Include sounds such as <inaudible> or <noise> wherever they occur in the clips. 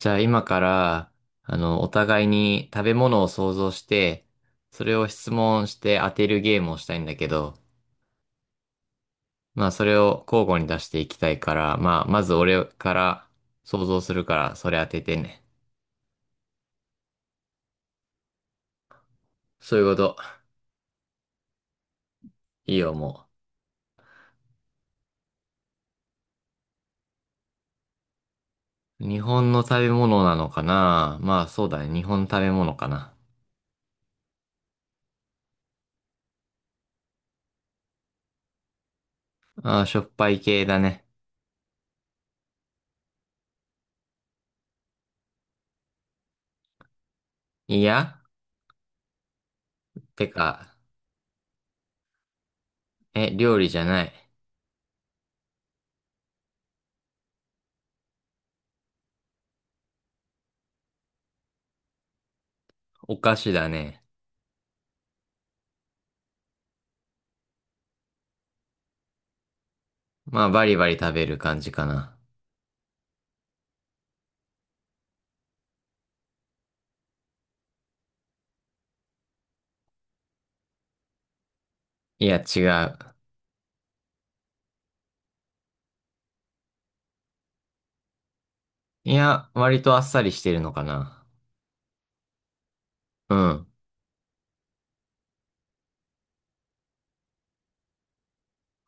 じゃあ今から、お互いに食べ物を想像して、それを質問して当てるゲームをしたいんだけど、まあそれを交互に出していきたいから、まあまず俺から想像するから、それ当ててね。そういうこと。いいよ、もう。日本の食べ物なのかな、まあそうだね。日本の食べ物かな。ああ、しょっぱい系だね。いや、てか、え、料理じゃない。お菓子だね。まあバリバリ食べる感じかな。いや、違う。いや、割とあっさりしてるのかな。うん。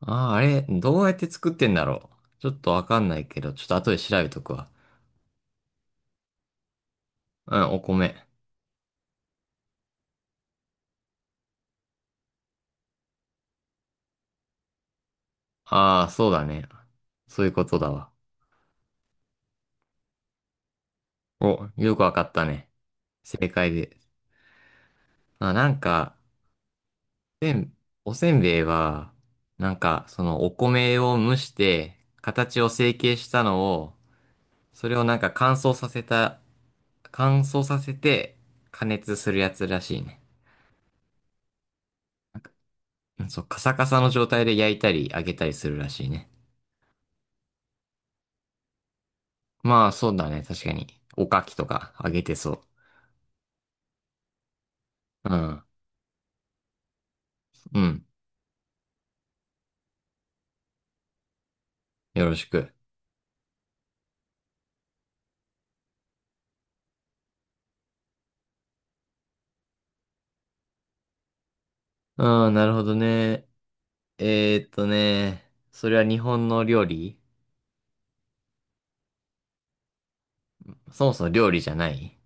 ああ、あれ、どうやって作ってんだろう。ちょっとわかんないけど、ちょっと後で調べとくわ。うん、お米。ああ、そうだね。そういうことだわ。お、よくわかったね。正解で。あ、なんか、せん、おせんべいは、なんか、そのお米を蒸して、形を成形したのを、それをなんか乾燥させた、乾燥させて加熱するやつらしいね。そう、カサカサの状態で焼いたり揚げたりするらしいね。まあ、そうだね。確かに。おかきとか揚げてそう。うん。うん。よろしく。うん、なるほどね。それは日本の料理？そもそも料理じゃない？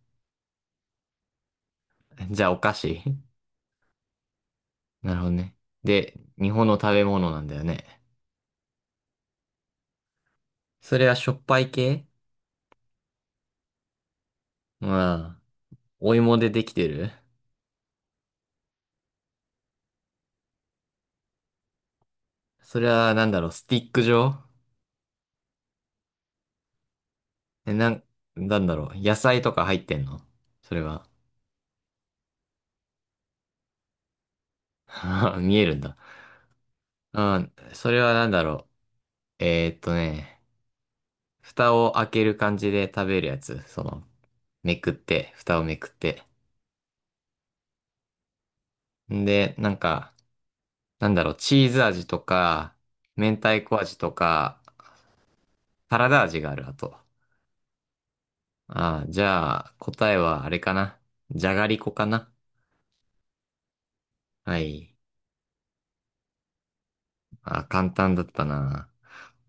じゃあ、お菓子？ <laughs> なるほどね。で、日本の食べ物なんだよね。それはしょっぱい系？まあ、お芋でできてる？それは、なんだろう、スティック状？え、なん、なんだろう、野菜とか入ってんの？それは。<laughs> あー、見えるんだ。うん。それはなんだろう。蓋を開ける感じで食べるやつ。その、めくって、蓋をめくって。んで、なんか、なんだろう、チーズ味とか、明太子味とか、サラダ味がある、あと。ああ、じゃあ、答えはあれかな。じゃがりこかな。はい。あ、簡単だったな。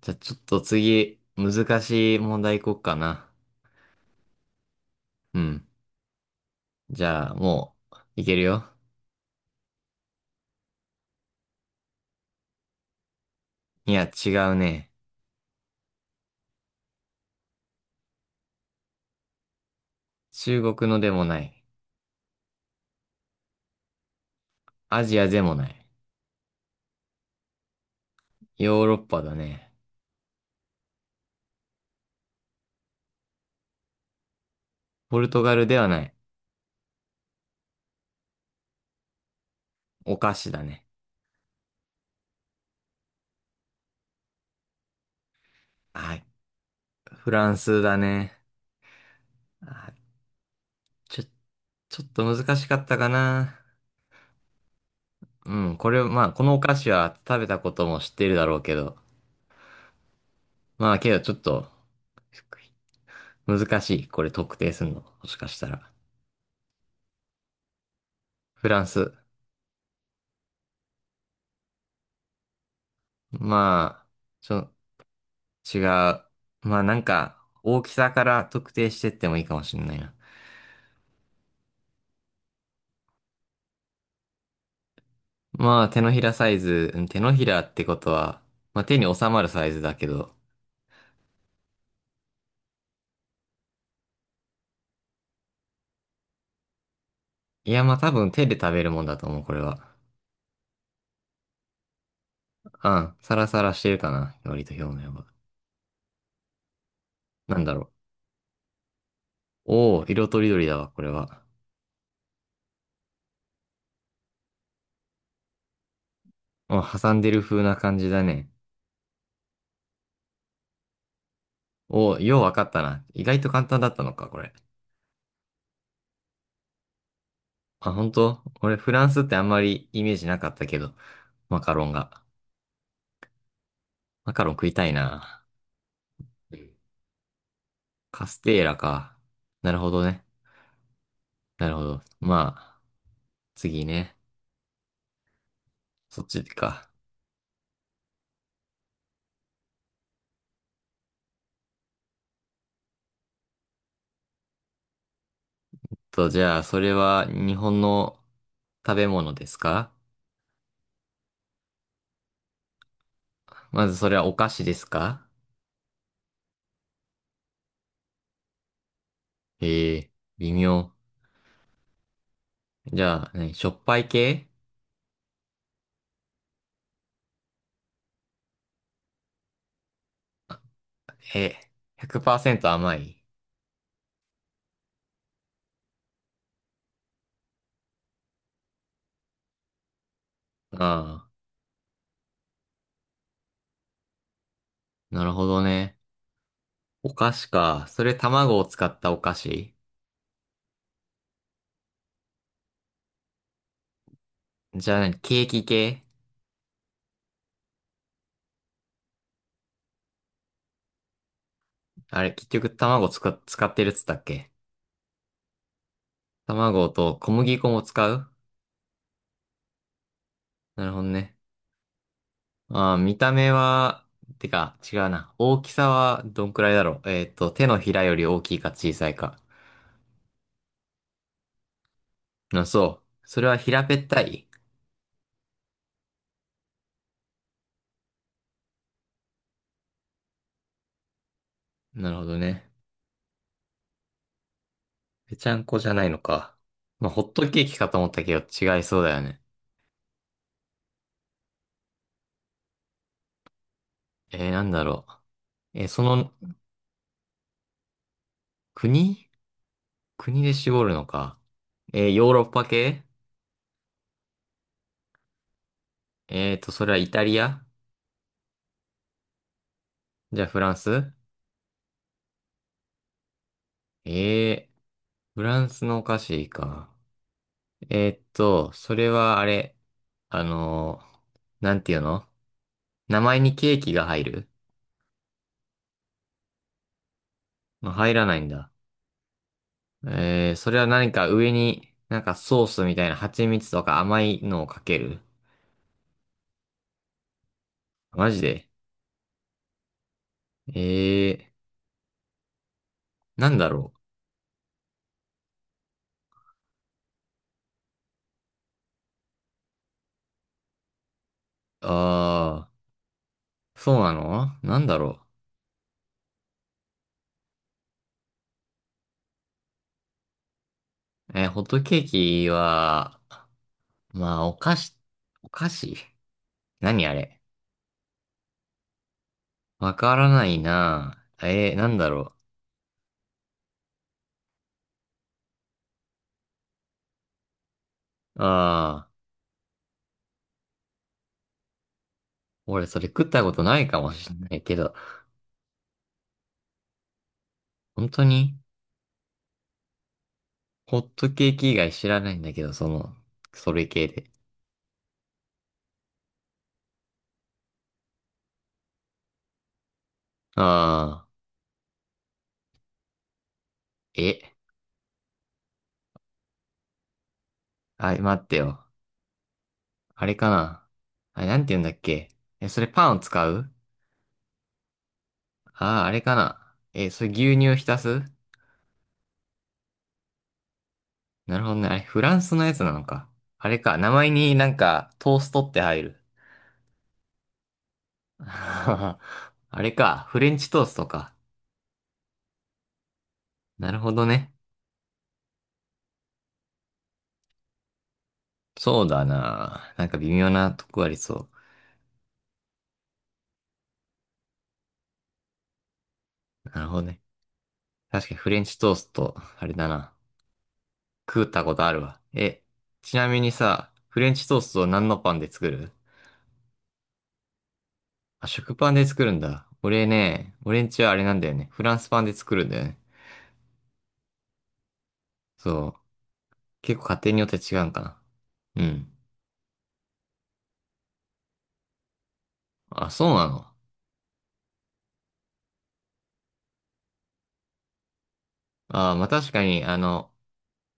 じゃあ、ちょっと次、難しい問題いこうかな。うん。じゃあ、もう、いけるよ。いや、違うね。中国のでもない。アジアでもない。ヨーロッパだね。ポルトガルではない。お菓子だね。あ、フランスだね。あ、ちょ、ちょっと難しかったかな。うん、これ、まあ、このお菓子は食べたことも知ってるだろうけど。まあ、けどちょっと、難しい。これ特定するの。もしかしたら。フランス。まあ、ちょ、違う。まあ、なんか、大きさから特定してってもいいかもしれないな。まあ、手のひらサイズ、うん、手のひらってことは、まあ手に収まるサイズだけど。いや、まあ多分手で食べるもんだと思う、これは。うん、サラサラしてるかな、割と表面は。なんだろう。おお、色とりどりだわ、これは。うん、挟んでる風な感じだね。おお、ようわかったな。意外と簡単だったのか、これ。あ、本当俺、フランスってあんまりイメージなかったけど、マカロンが。マカロン食いたいな。カステーラか。なるほどね。なるほど。まあ、次ね。そっちか。と、じゃあ、それは日本の食べ物ですか？まずそれはお菓子ですか？ええ、微妙。じゃあ、何、しょっぱい系？え、100%甘い？ああ、なるほどね。お菓子か。それ卵を使ったお菓子？じゃあ何、ケーキ系？あれ、結局卵使、使ってるっつったっけ？卵と小麦粉も使う？なるほどね。ああ、見た目は、てか、違うな。大きさはどんくらいだろう。えっと、手のひらより大きいか小さいか。あ、そう。それは平べったい？なるほどね。ぺちゃんこじゃないのか。まあ、ホットケーキかと思ったけど、違いそうだよね。えー、なんだろう。その、国、国で絞るのか。えー、ヨーロッパ系？えっと、それはイタリア？じゃあフランス？えー、フランスのお菓子か。えーっと、それはあれ、あのーなんていうの、名前にケーキが入る？まあ、入らないんだ。えー、それは何か上に、なんかソースみたいな蜂蜜とか甘いのをかける？マジで？えー、なんだろう。あー、そうなの、なんだろう。えー、ホットケーキは、まあ、お菓子、お菓子、何あれ。わからないな。えー、なんだろう。あー。俺それ食ったことないかもしれないけど、本当に？ホットケーキ以外知らないんだけど、その、それ系で。ああ、え、あ、待ってよ。あれかな。あれ、なんて言うんだっけ。え、それパンを使う？ああー、あれかな。え、それ牛乳浸す？なるほどね。あれ、フランスのやつなのか。あれか。名前になんか、トーストって入る？<laughs> あれか。フレンチトーストか。なるほどね。そうだな。なんか微妙なとこありそう。なるほどね。確かにフレンチトースト、あれだな。食ったことあるわ。え、ちなみにさ、フレンチトーストは何のパンで作る？あ、食パンで作るんだ。俺ね、俺んちはあれなんだよね。フランスパンで作るんだよね。そう。結構家庭によって違うんかな。うん。あ、そうなの。あー、まあ、確かに、あの、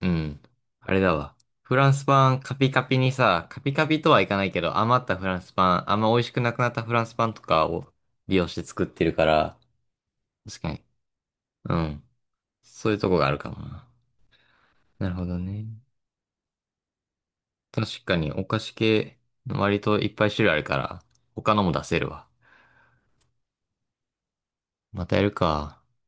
うん。あれだわ。フランスパンカピカピにさ、カピカピとはいかないけど、余ったフランスパン、あんま美味しくなくなったフランスパンとかを利用して作ってるから、確かに。うん。そういうとこがあるかもな。なるほどね。確かにお菓子系、割といっぱい種類あるから、他のも出せるわ。またやるか。